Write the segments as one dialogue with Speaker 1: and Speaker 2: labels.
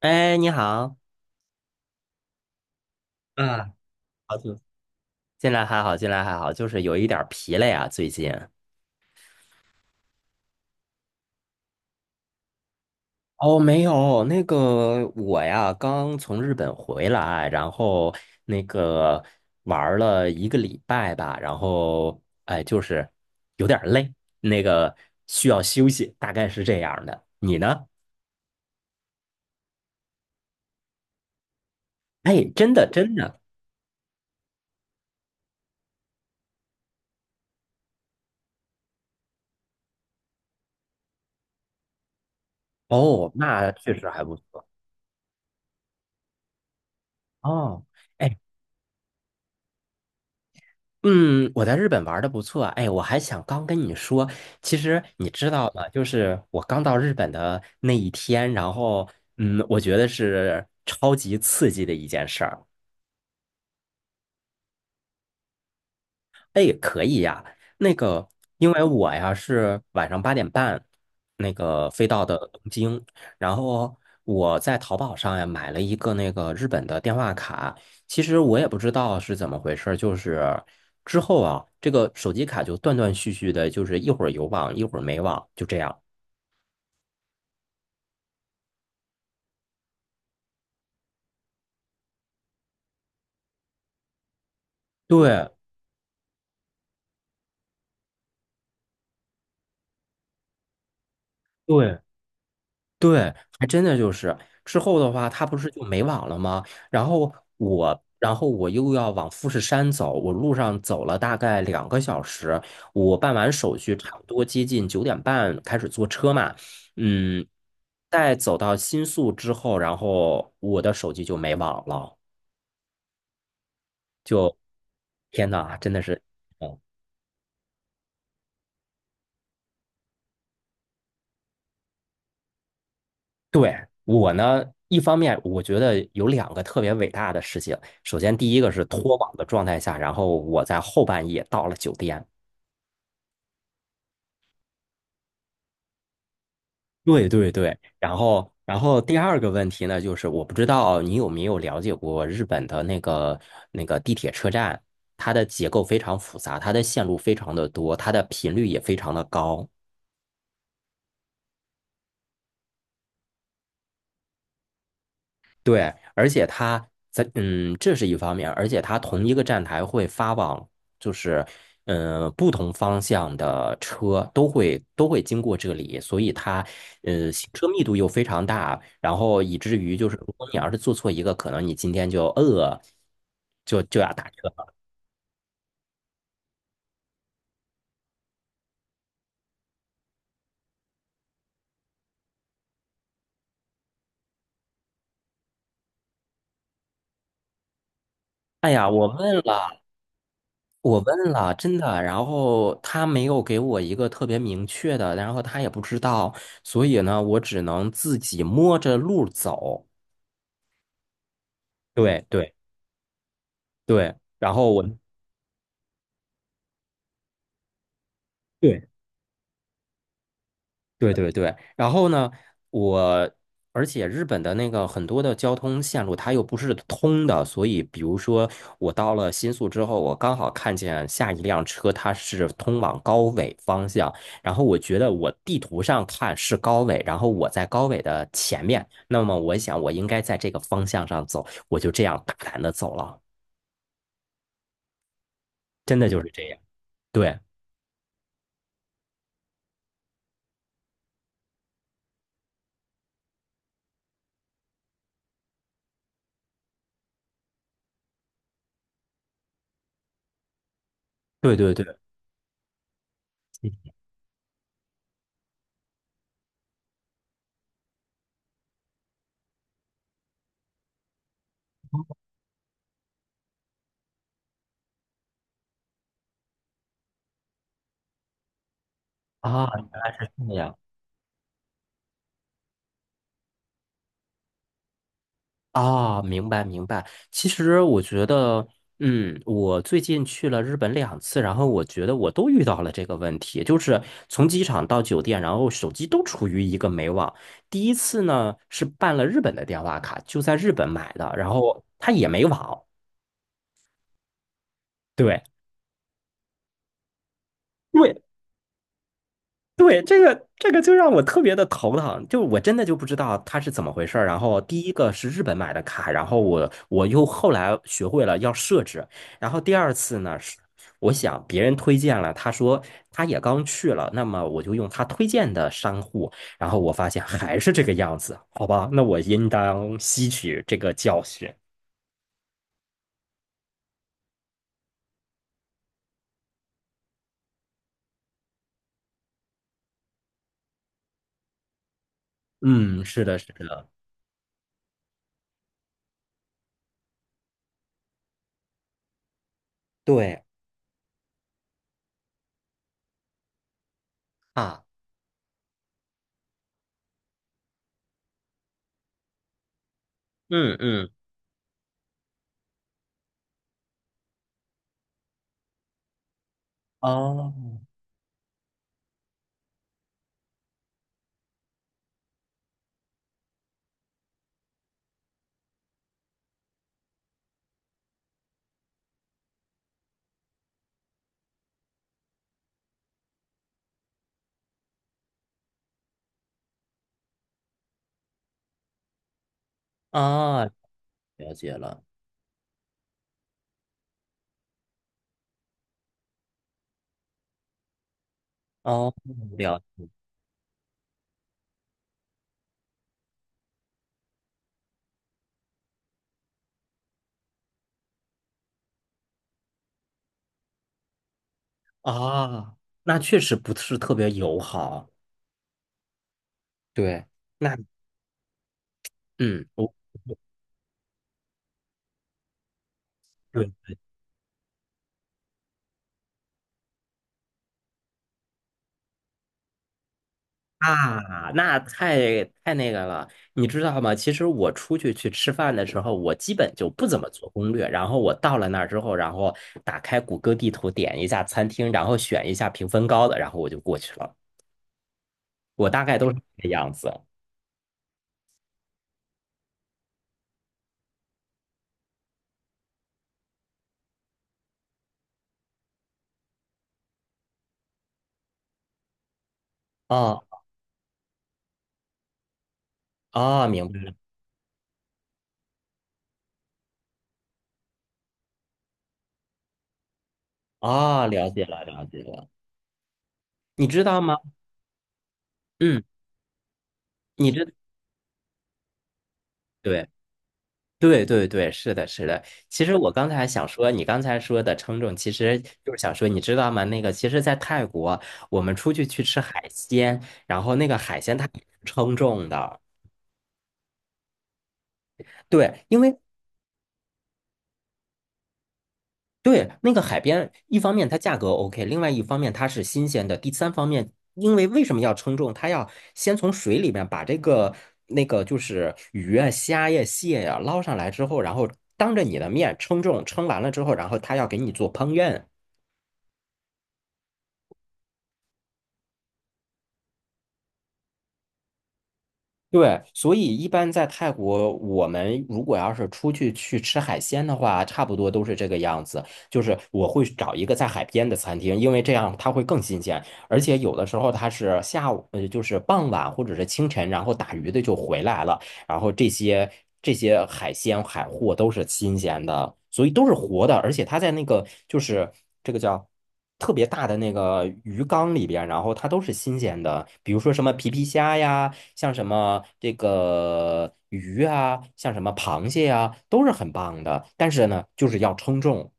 Speaker 1: 哎，你好，嗯，好久近来还好，就是有一点儿疲累啊，最近。哦，没有，那个我呀，刚从日本回来，然后那个玩儿了一个礼拜吧，然后哎，就是有点儿累，那个需要休息，大概是这样儿的。你呢？哎，真的真的，哦，那确实还不错哦。哎嗯，我在日本玩的不错。哎，我还想刚跟你说，其实你知道吗？就是我刚到日本的那一天，然后我觉得是超级刺激的一件事儿。那个，因为我呀是晚上8点半那个飞到的东京，然后我在淘宝上呀买了一个那个日本的电话卡。其实我也不知道是怎么回事儿就是之后啊，这个手机卡就断断续续的，就是一会儿有网，一会儿没网，就这样。对对，对，还真的就是之后的话，他不是就没网了吗？然后然后我又要往富士山走，我路上走了大概2个小时，我办完手续，差不多接近9点半开始坐车嘛，嗯，在走到新宿之后，然后我的手机就没网了，就天呐，真的是，嗯对，我呢，一方面我觉得有两个特别伟大的事情。首先，第一个是脱网的状态下，然后我在后半夜到了酒店。对对对，然后第二个问题呢，就是我不知道你有没有了解过日本的那个地铁车站，它的结构非常复杂，它的线路非常的多，它的频率也非常的高。对，而且它在这是一方面，而且它同一个站台会发往，就是不同方向的车都会经过这里，所以它行车密度又非常大，然后以至于就是如果你要是做错一个，可能你今天就要打车了。哎呀，我问了。我问了，真的，然后他没有给我一个特别明确的，然后他也不知道，所以呢，我只能自己摸着路走。对对对，然后我对对对对，然后呢，我而且日本的那个很多的交通线路它又不是通的，所以比如说我到了新宿之后，我刚好看见下一辆车它是通往高尾方向，然后我觉得我地图上看是高尾，然后我在高尾的前面，那么我想我应该在这个方向上走，我就这样大胆的走了，真的就是这样，对对对对啊，这样啊，明白明白。其实我觉得，我最近去了日本两次，然后我觉得我都遇到了这个问题，就是从机场到酒店，然后手机都处于一个没网。第一次呢是办了日本的电话卡，就在日本买的，然后它也没网。对。对对，这个就让我特别的头疼，就我真的就不知道他是怎么回事儿。然后第一个是日本买的卡，然后我又后来学会了要设置。然后第二次呢，是我想别人推荐了，他说他也刚去了，那么我就用他推荐的商户，然后我发现还是这个样子，好吧，那我应当吸取这个教训。嗯，是的，是的，对啊，嗯嗯，哦哦，了解了，哦，了。啊，那确实不是特别友好。对，那嗯，我对啊，那太那个了，你知道吗？其实我出去去吃饭的时候，我基本就不怎么做攻略。然后我到了那儿之后，然后打开谷歌地图，点一下餐厅，然后选一下评分高的，然后我就过去了。我大概都是这个样子。哦哦，明白了。哦，了解了，了解了。你知道吗？嗯，你知对。对对对，是的，是的。其实我刚才想说，你刚才说的称重，其实就是想说，你知道吗？那个，其实，在泰国，我们出去去吃海鲜，然后那个海鲜它也是称重的。对，因为对那个海边，一方面它价格 OK，另外一方面它是新鲜的，第三方面，因为为什么要称重？它要先从水里面把这个那个就是鱼啊、虾呀、蟹呀捞上来之后，然后当着你的面称重，称完了之后，然后他要给你做烹饪。对，所以一般在泰国，我们如果要是出去去吃海鲜的话，差不多都是这个样子。就是我会找一个在海边的餐厅，因为这样它会更新鲜，而且有的时候它是下午，就是傍晚或者是清晨，然后打鱼的就回来了，然后这些海鲜海货都是新鲜的，所以都是活的，而且它在那个就是这个叫。特别大的那个鱼缸里边，然后它都是新鲜的，比如说什么皮皮虾呀，像什么这个鱼啊，像什么螃蟹啊，都是很棒的。但是呢，就是要称重。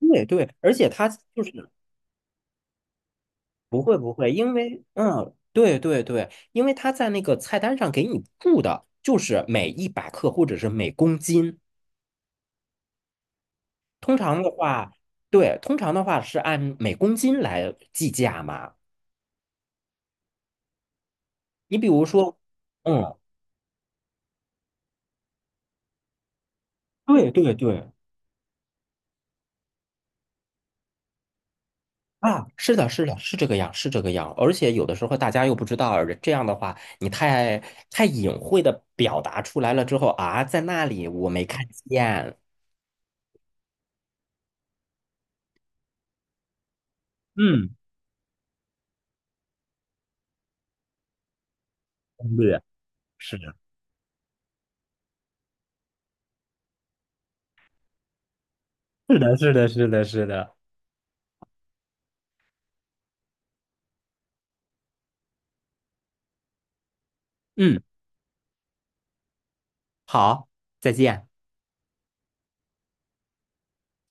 Speaker 1: 对对，而且它就是不会不会，因为嗯，对对对，因为它在那个菜单上给你注的就是每100克或者是每公斤。通常的话，对，通常的话是按每公斤来计价嘛。你比如说，嗯，对对对。啊，是的，是的，是这个样，是这个样。而且有的时候大家又不知道，这样的话，你太隐晦的表达出来了之后啊，在那里我没看见。嗯，对，是的，是的，是的，是的，是的。嗯，好，再见。